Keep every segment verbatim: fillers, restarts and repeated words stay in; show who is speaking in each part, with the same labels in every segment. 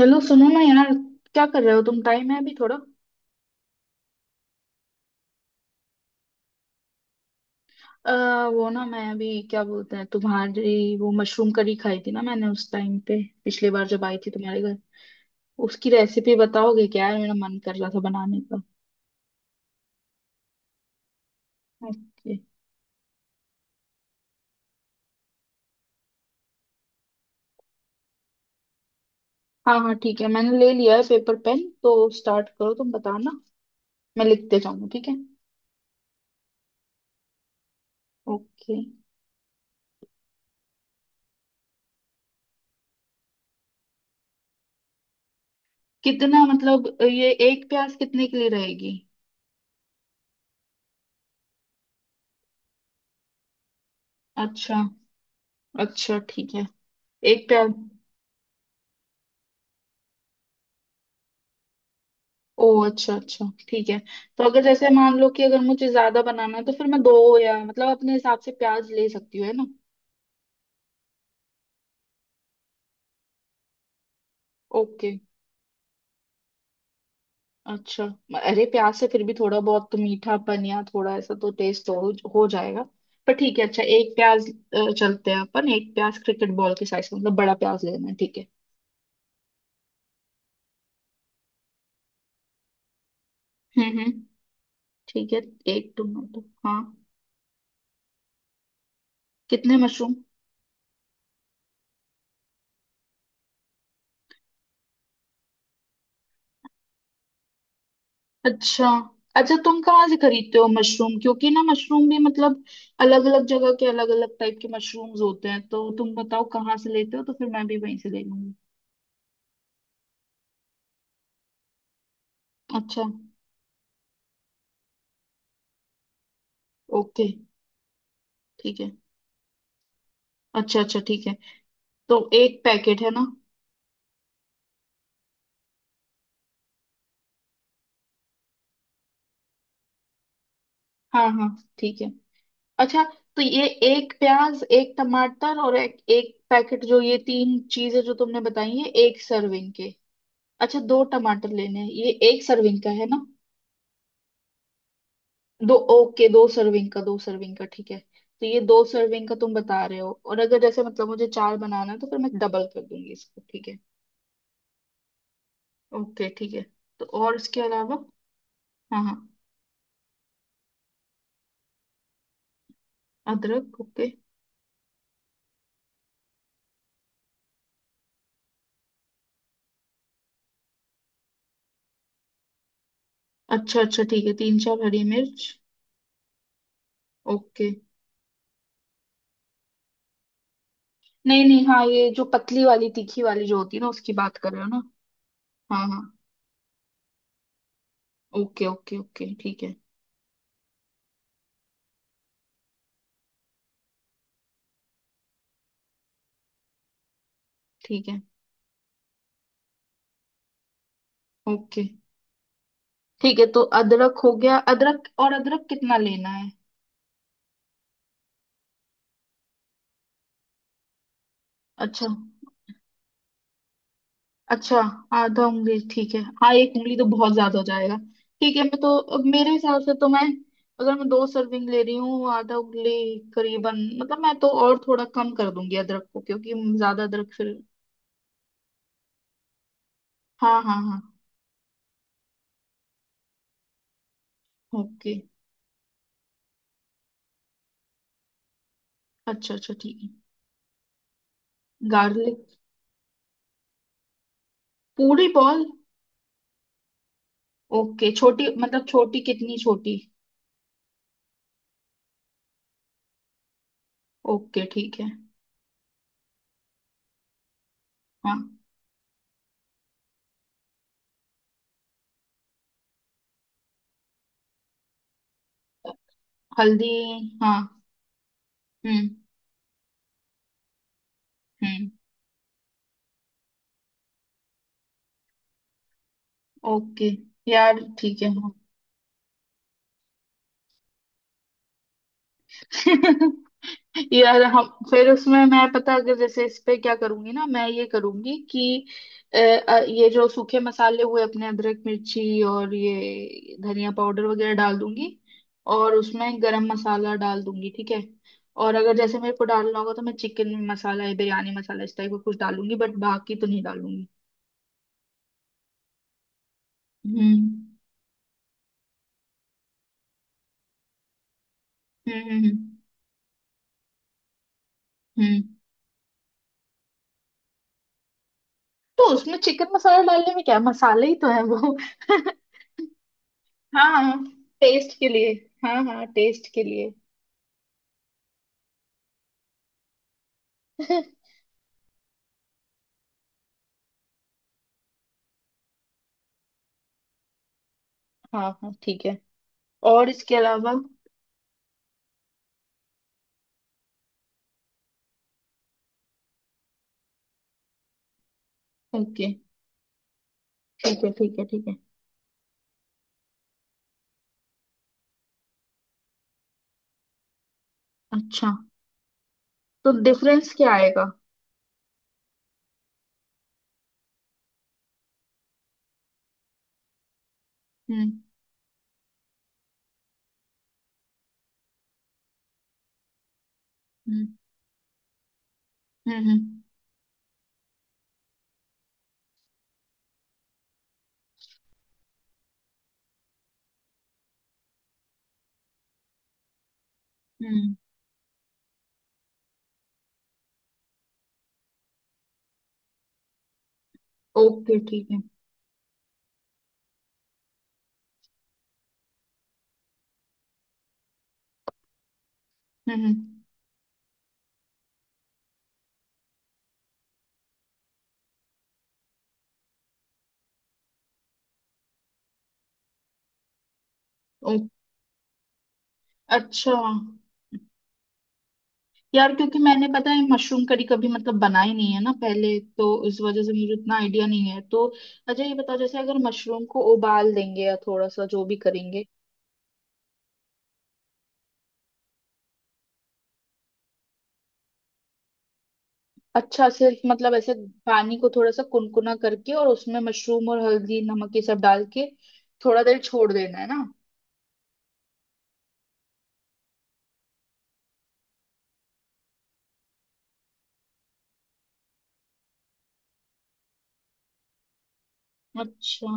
Speaker 1: Hello, सुनो ना यार। क्या कर रहे हो? तुम टाइम है अभी थोड़ा? आ, वो ना, मैं अभी क्या बोलते हैं तुम्हारी वो मशरूम करी खाई थी ना मैंने, उस टाइम पे पिछली बार जब आई थी तुम्हारे घर। उसकी रेसिपी बताओगे क्या यार? मेरा मन कर रहा था बनाने का। ओके। हाँ हाँ ठीक है, मैंने ले लिया है पेपर पेन, तो स्टार्ट करो, तुम बताना मैं लिखते जाऊंगा, ठीक है। ओके। कितना मतलब, ये एक प्याज कितने के लिए रहेगी? अच्छा, अच्छा ठीक है। एक प्याज। ओ अच्छा अच्छा ठीक है। तो अगर जैसे मान लो कि अगर मुझे ज्यादा बनाना है तो फिर मैं दो, या मतलब अपने हिसाब से प्याज ले सकती हूँ, है ना? ओके। अच्छा। अरे प्याज से फिर भी थोड़ा बहुत तो मीठापन या थोड़ा ऐसा तो टेस्ट हो हो जाएगा। पर ठीक है, अच्छा एक प्याज, अ, चलते हैं अपन, एक प्याज क्रिकेट बॉल के साइज का, मतलब बड़ा प्याज लेना है, ठीक है। हम्म हम्म ठीक है, एक टमाटर, हाँ। कितने मशरूम? अच्छा, अच्छा तुम कहाँ से खरीदते हो मशरूम? क्योंकि ना मशरूम भी मतलब अलग अलग जगह के अलग अलग टाइप के मशरूम्स होते हैं, तो तुम बताओ कहाँ से लेते हो तो फिर मैं भी वहीं से ले लूंगी। अच्छा। ओके, ठीक है। अच्छा अच्छा ठीक है, तो एक पैकेट है ना। हाँ हाँ, ठीक है, अच्छा। तो ये एक प्याज, एक टमाटर और एक, एक पैकेट, जो ये तीन चीजें जो तुमने बताई है, एक सर्विंग के। अच्छा, दो टमाटर लेने हैं, ये एक सर्विंग का है ना? दो, ओके, दो सर्विंग का, दो सर्विंग का, ठीक है। तो ये दो सर्विंग का तुम बता रहे हो, और अगर जैसे मतलब मुझे चार बनाना है तो फिर मैं डबल कर दूंगी इसको, ठीक है। ओके ठीक है। तो और इसके अलावा? हाँ हाँ। अदरक, ओके। अच्छा अच्छा ठीक है, तीन चार हरी मिर्च। ओके। नहीं नहीं, हाँ, ये जो पतली वाली तीखी वाली जो होती है ना, उसकी बात कर रहे हो ना? हाँ हाँ। ओके ओके ओके, ठीक है। ठीक है। ओके, ठीक है तो अदरक हो गया, अदरक, और अदरक कितना लेना है? अच्छा। अच्छा, आधा उंगली, ठीक है, हाँ, एक उंगली तो बहुत ज्यादा हो जाएगा। ठीक है, मैं तो अब मेरे हिसाब से तो मैं, अगर मैं दो सर्विंग ले रही हूँ, आधा उंगली करीबन, मतलब मैं तो और थोड़ा कम कर दूंगी अदरक को, क्योंकि ज्यादा अदरक फिर। हाँ हाँ हाँ। ओके। अच्छा अच्छा ठीक है। गार्लिक। पूरी बॉल? ओके, छोटी मतलब छोटी, कितनी छोटी? ओके, ठीक है। हाँ। हल्दी, हाँ। हम्म। हम्म। ओके। यार ठीक है। हाँ। यार हम फिर उसमें, मैं पता अगर जैसे इस पे क्या करूंगी ना, मैं ये करूंगी कि अ, अ, ये जो सूखे मसाले हुए अपने, अदरक मिर्ची और ये धनिया पाउडर वगैरह डाल दूंगी, और उसमें गरम मसाला डाल दूंगी, ठीक है। और अगर जैसे मेरे को डालना होगा तो मैं चिकन मसाला या बिरयानी मसाला इस टाइप का कुछ डालूंगी, बट बाकी तो नहीं डालूंगी। हम्म हम्म हम्म हम्म। हम्म। तो उसमें चिकन मसाला डालने में क्या है? मसाले ही तो है वो। हाँ। टेस्ट के लिए, हाँ हाँ टेस्ट के लिए। हाँ। हाँ, ठीक है। और इसके अलावा? ओके ठीक है, ठीक है ठीक है। अच्छा, तो डिफरेंस क्या आएगा? हम्म हम्म हम्म हम्म हम्म। ओके ठीक है। हम्म हम्म। ओ अच्छा। यार क्योंकि मैंने, पता है, मशरूम करी कभी मतलब बनाई नहीं है ना पहले, तो इस वजह से मुझे इतना आइडिया नहीं है, तो अच्छा ये बताओ, जैसे अगर मशरूम को उबाल देंगे या थोड़ा सा जो भी करेंगे। अच्छा सिर्फ मतलब ऐसे, पानी को थोड़ा सा कुनकुना करके और उसमें मशरूम और हल्दी नमक ये सब डाल के थोड़ा देर छोड़ देना है ना? अच्छा।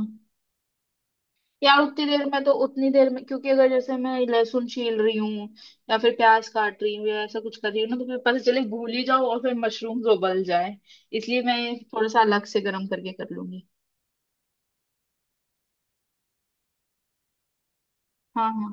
Speaker 1: यार उतनी देर में, तो उतनी देर में क्योंकि अगर जैसे मैं लहसुन छील रही हूँ या फिर प्याज काट रही हूँ या ऐसा कुछ कर रही हूँ ना, तो फिर पता चले भूल ही जाओ और फिर मशरूम उबल जाए। इसलिए मैं थोड़ा सा अलग से गर्म करके कर लूंगी। हाँ हाँ।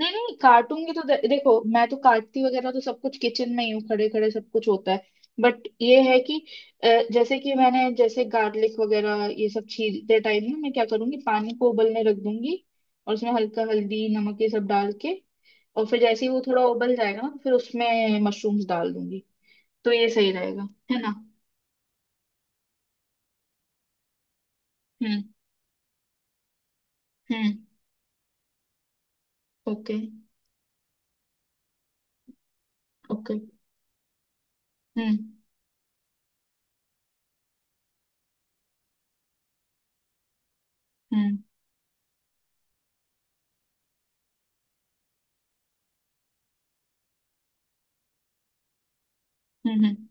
Speaker 1: नहीं नहीं काटूंगी, तो दे, देखो मैं तो काटती वगैरह तो सब कुछ किचन में ही हूँ, खड़े खड़े सब कुछ होता है। बट ये है कि अ, जैसे कि मैंने, जैसे गार्लिक वगैरह ये सब छीलते टाइम ना, मैं क्या करूंगी, पानी को उबलने रख दूंगी और उसमें हल्का हल्दी नमक ये सब डाल के, और फिर जैसे ही वो थोड़ा उबल जाएगा ना तो फिर उसमें मशरूम्स डाल दूंगी। तो ये सही रहेगा, है ना? हम्म। हम्म। Okay okay. हम्म हम्म हम्म हम्म।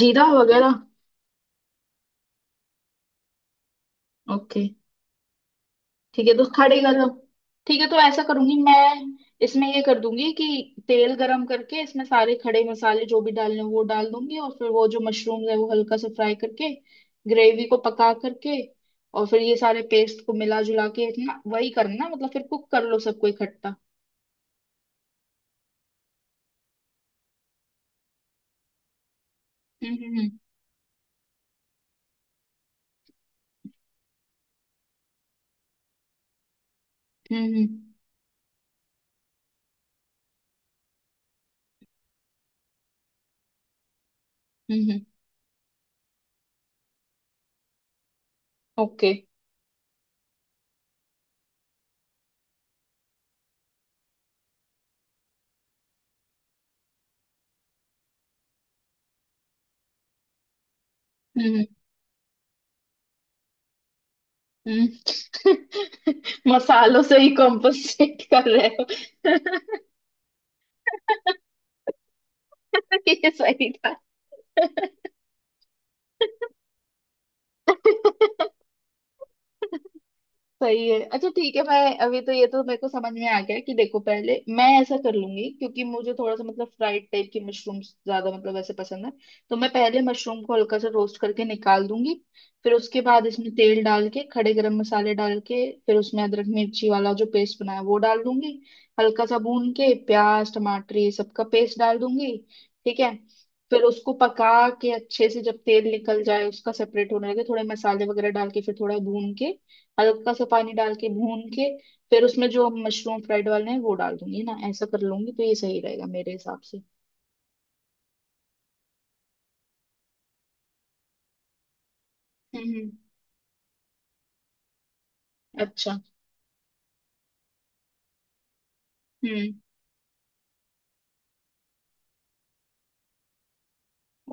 Speaker 1: जीरा वगैरह। ओके, ठीक है तो खड़े गरम, ठीक है तो ऐसा करूंगी मैं, इसमें ये कर दूंगी कि तेल गरम करके इसमें सारे खड़े मसाले जो भी डालने हैं, वो डाल दूंगी और फिर वो जो मशरूम्स है वो हल्का सा फ्राई करके, ग्रेवी को पका करके, और फिर ये सारे पेस्ट को मिला जुला के, इतना वही करना, मतलब फिर कुक कर लो सबको इकट्ठा। हम्म हम्म हम्म हम्म हम्म। ओके। हम्म हम्म। Okay, हम्म। हम्म। मसालों से ही कॉम्पोसेट कर रहे हो। ये सही था। सही है। अच्छा ठीक है, मैं अभी तो ये तो मेरे को समझ में आ गया कि, देखो पहले मैं ऐसा कर लूंगी क्योंकि मुझे थोड़ा सा मतलब फ्राइड टाइप की मशरूम ज्यादा मतलब ऐसे पसंद है, तो मैं पहले मशरूम को हल्का सा रोस्ट करके निकाल दूंगी, फिर उसके बाद इसमें तेल डाल के खड़े गरम मसाले डाल के, फिर उसमें अदरक मिर्ची वाला जो पेस्ट बनाया वो डाल दूंगी, हल्का सा भून के प्याज टमाटर ये सबका पेस्ट डाल दूंगी, ठीक है, फिर उसको पका के अच्छे से, जब तेल निकल जाए उसका, सेपरेट होने लगे, थोड़े मसाले वगैरह डाल के फिर थोड़ा भून के, हल्का सा पानी डाल के भून के, फिर उसमें जो मशरूम फ्राइड वाले हैं वो डाल दूंगी ना, ऐसा कर लूंगी, तो ये सही रहेगा मेरे हिसाब से। हम्म हम्म। अच्छा। हम्म।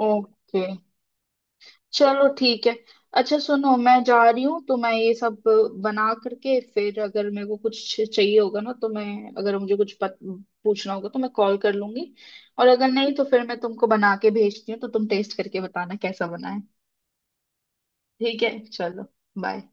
Speaker 1: ओके, चलो ठीक है। अच्छा सुनो, मैं जा रही हूँ, तो मैं ये सब बना करके फिर अगर मेरे को कुछ चाहिए होगा ना, तो मैं अगर मुझे कुछ पत, पूछना होगा तो मैं कॉल कर लूंगी, और अगर नहीं तो फिर मैं तुमको बना के भेजती हूँ तो तुम टेस्ट करके बताना कैसा बना है। ठीक है चलो, बाय।